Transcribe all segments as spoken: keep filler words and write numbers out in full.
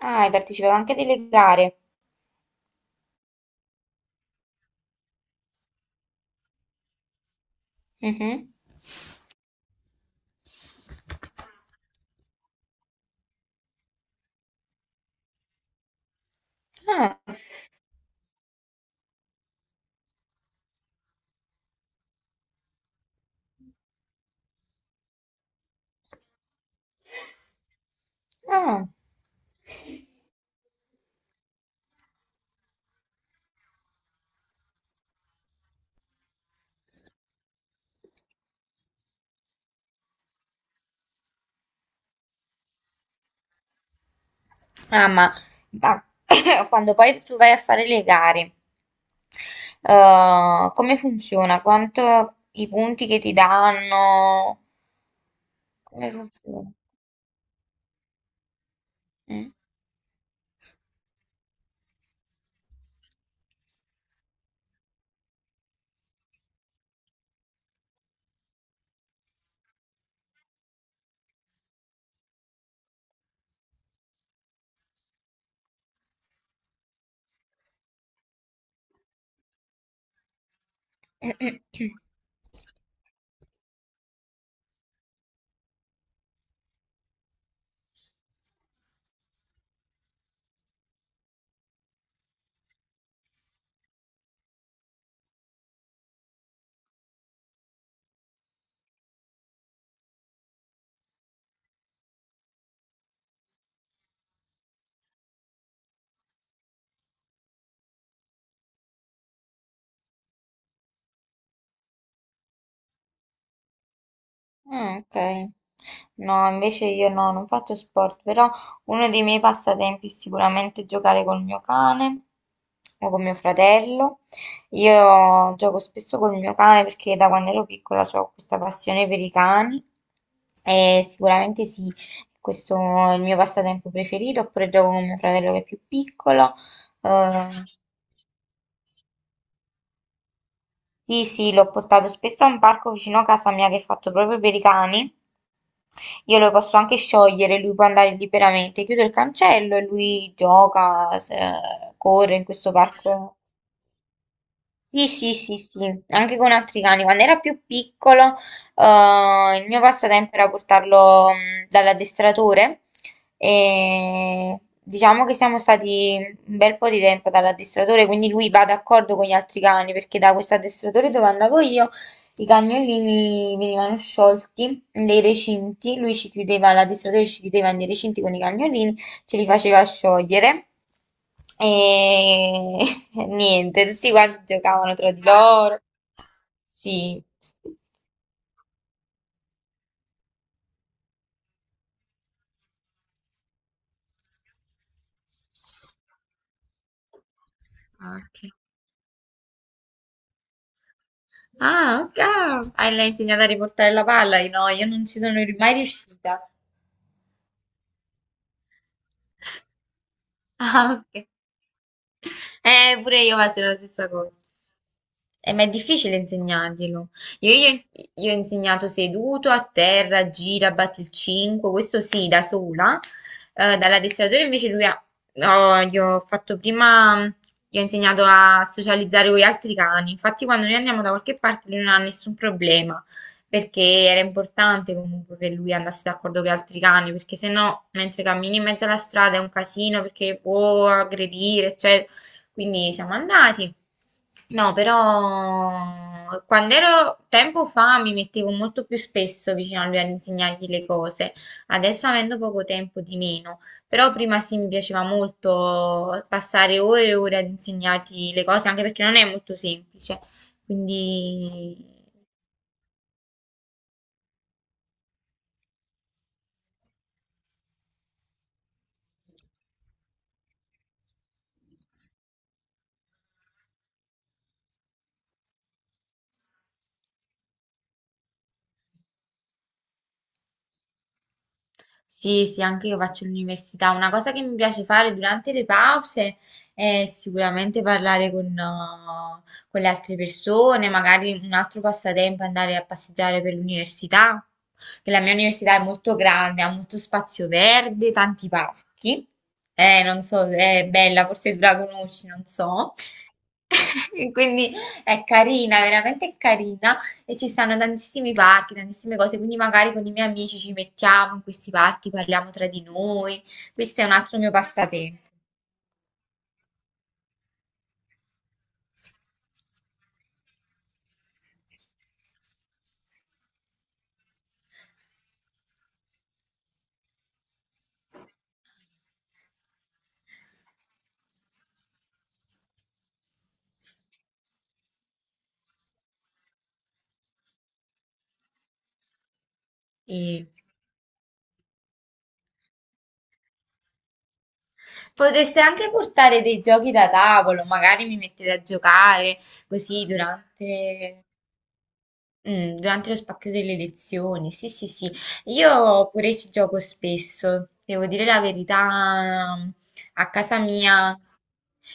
Ah, hai partecipato anche a delle gare. Mhm. Ah, ah. Ah, ma, ma quando poi tu vai a fare le gare, eh, come funziona? Quanto i punti che ti danno? Come funziona? Mm? Ah, ok. No, invece io no, non faccio sport, però uno dei miei passatempi è sicuramente giocare col mio cane o con mio fratello. Io gioco spesso col mio cane perché da quando ero piccola ho questa passione per i cani e sicuramente sì, questo è il mio passatempo preferito, oppure gioco con mio fratello che è più piccolo. eh, Sì, sì, l'ho portato spesso a un parco vicino a casa mia che è fatto proprio per i cani. Io lo posso anche sciogliere, lui può andare liberamente. Chiudo il cancello e lui gioca, se- corre in questo parco. Sì, sì, sì, sì, anche con altri cani. Quando era più piccolo, eh, il mio passatempo era portarlo mh, dall'addestratore, e diciamo che siamo stati un bel po' di tempo dall'addestratore, quindi lui va d'accordo con gli altri cani, perché da questo addestratore dove andavo io i cagnolini venivano sciolti nei recinti, lui ci chiudeva, l'addestratore ci chiudeva nei recinti con i cagnolini, ce li faceva sciogliere. E Eh, niente, tutti quanti giocavano tra di loro. Sì. Ok. Ah, ok. Ah, l'hai insegnato a riportare la palla? Io No, io non ci sono ri- mai riuscita. Ah, ok. Eh, pure io faccio la stessa cosa. Eh, ma è difficile insegnarglielo. Io gli ho ins- gli ho insegnato seduto, a terra, gira, batti il cinque, questo sì, da sola. Eh, dall'addestratore invece lui ha, no, gli ho fatto prima, gli ho insegnato a socializzare con gli altri cani. Infatti quando noi andiamo da qualche parte lui non ha nessun problema, perché era importante comunque che lui andasse d'accordo con gli altri cani, perché se no mentre cammini in mezzo alla strada è un casino, perché può aggredire, cioè, quindi siamo andati. No, però quando ero tempo fa mi mettevo molto più spesso vicino a lui ad insegnargli le cose. Adesso avendo poco tempo di meno, però prima sì, mi piaceva molto passare ore e ore ad insegnargli le cose, anche perché non è molto semplice. Quindi. Sì, sì, anche io faccio l'università. Una cosa che mi piace fare durante le pause è sicuramente parlare con, eh, con le altre persone, magari un altro passatempo è andare a passeggiare per l'università, che la mia università è molto grande, ha molto spazio verde, tanti parchi. Eh, non so, è bella, forse tu la conosci, non so. Quindi è carina, veramente è carina. E ci stanno tantissimi parchi, tantissime cose, quindi magari con i miei amici ci mettiamo in questi parchi, parliamo tra di noi. Questo è un altro mio passatempo. Sì. Potreste anche portare dei giochi da tavolo, magari mi mettete a giocare così durante. Mm, durante lo spacchio delle lezioni, sì, sì, sì. Io pure ci gioco spesso, devo dire la verità, a casa mia,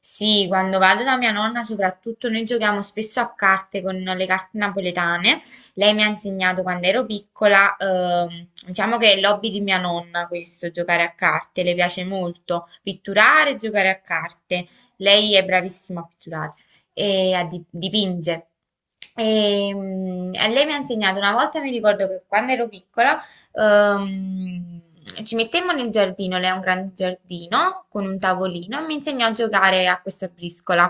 sì, quando vado da mia nonna soprattutto noi giochiamo spesso a carte con le carte napoletane. Lei mi ha insegnato quando ero piccola, ehm, diciamo che è l'hobby di mia nonna questo, giocare a carte, le piace molto pitturare e giocare a carte. Lei è bravissima a pitturare e a di- dipinge. E, mm, e lei mi ha insegnato una volta, mi ricordo che quando ero piccola, ehm, ci mettemmo nel giardino, lei ha un grande giardino con un tavolino e mi insegnò a giocare a questa briscola.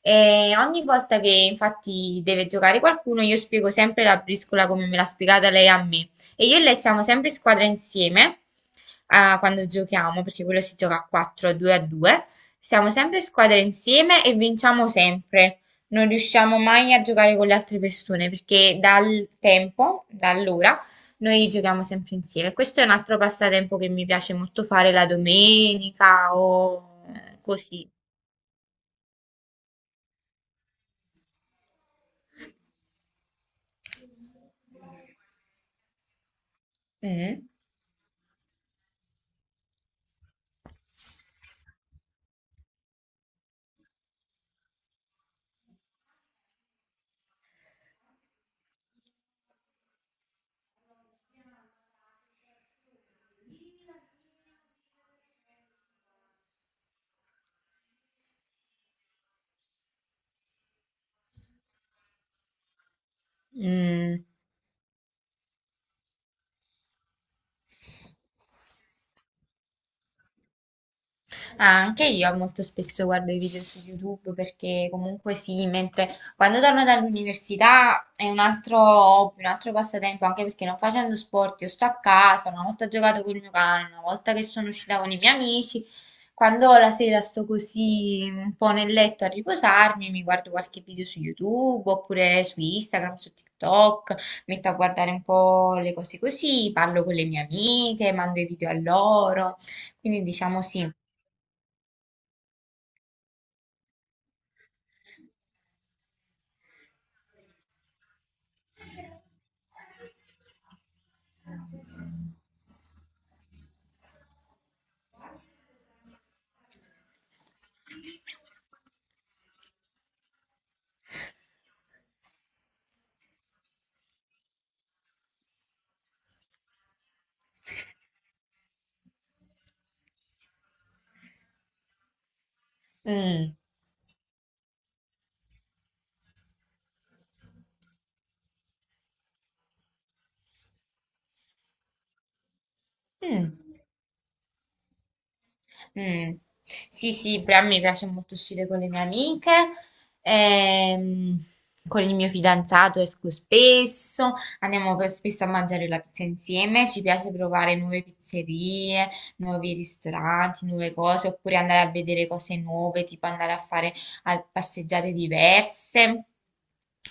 E ogni volta che infatti deve giocare qualcuno, io spiego sempre la briscola come me l'ha spiegata lei a me. E io e lei siamo sempre in squadra insieme, ah, quando giochiamo, perché quello si gioca a quattro, a due a due. Siamo sempre in squadra insieme e vinciamo sempre. Non riusciamo mai a giocare con le altre persone perché dal tempo, da allora, noi giochiamo sempre insieme. Questo è un altro passatempo che mi piace molto fare la domenica o eh, così. Mm. Mm. Ah, anche io molto spesso guardo i video su YouTube, perché comunque sì, mentre quando torno dall'università è un altro hobby, un altro passatempo, anche perché non facendo sport, io sto a casa, una volta ho giocato con il mio cane, una volta che sono uscita con i miei amici, quando la sera sto così un po' nel letto a riposarmi, mi guardo qualche video su YouTube oppure su Instagram, su TikTok, metto a guardare un po' le cose così, parlo con le mie amiche, mando i video a loro, quindi diciamo sì. Mh. Mh. Mm. Sì, sì, però mi piace molto uscire con le mie amiche, ehm, con il mio fidanzato esco spesso, andiamo per- spesso a mangiare la pizza insieme, ci piace provare nuove pizzerie, nuovi ristoranti, nuove cose, oppure andare a vedere cose nuove, tipo andare a fare al- passeggiate diverse,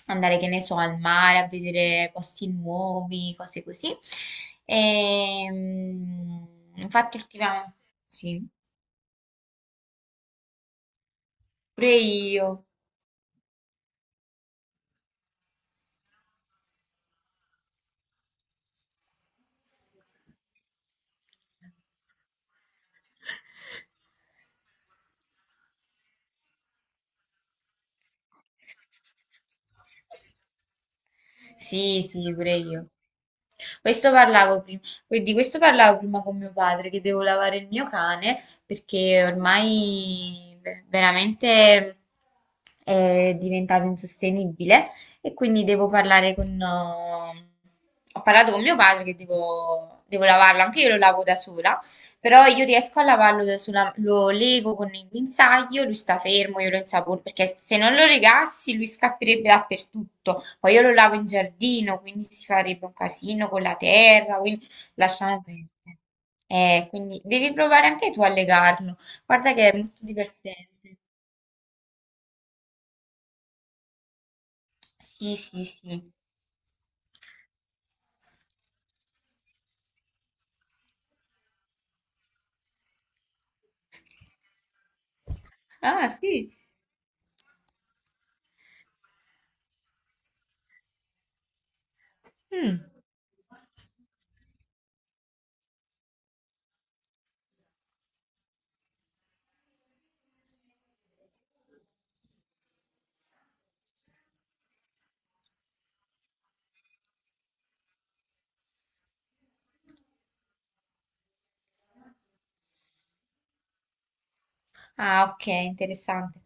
andare, che ne so, al mare, a vedere posti nuovi, cose così. Ehm, Infatti ultimamente. Sì. Pure io. Sì, sì, pure io. Questo parlavo prima, di questo parlavo prima con mio padre, che devo lavare il mio cane perché ormai ve- veramente è diventato insostenibile e quindi devo parlare con. eh, Ho parlato con mio padre che devo, devo lavarlo, anche io lo lavo da sola. Però io riesco a lavarlo sulla, lo lego con il guinzaglio, lui sta fermo, io lo insapono, perché se non lo legassi lui scapperebbe dappertutto. Poi io lo lavo in giardino, quindi si farebbe un casino con la terra, quindi lasciamo perdere. Eh, quindi devi provare anche tu a legarlo. Guarda che è molto divertente. Sì, sì, sì. Ah, sì. Mm. Ah, ok, interessante.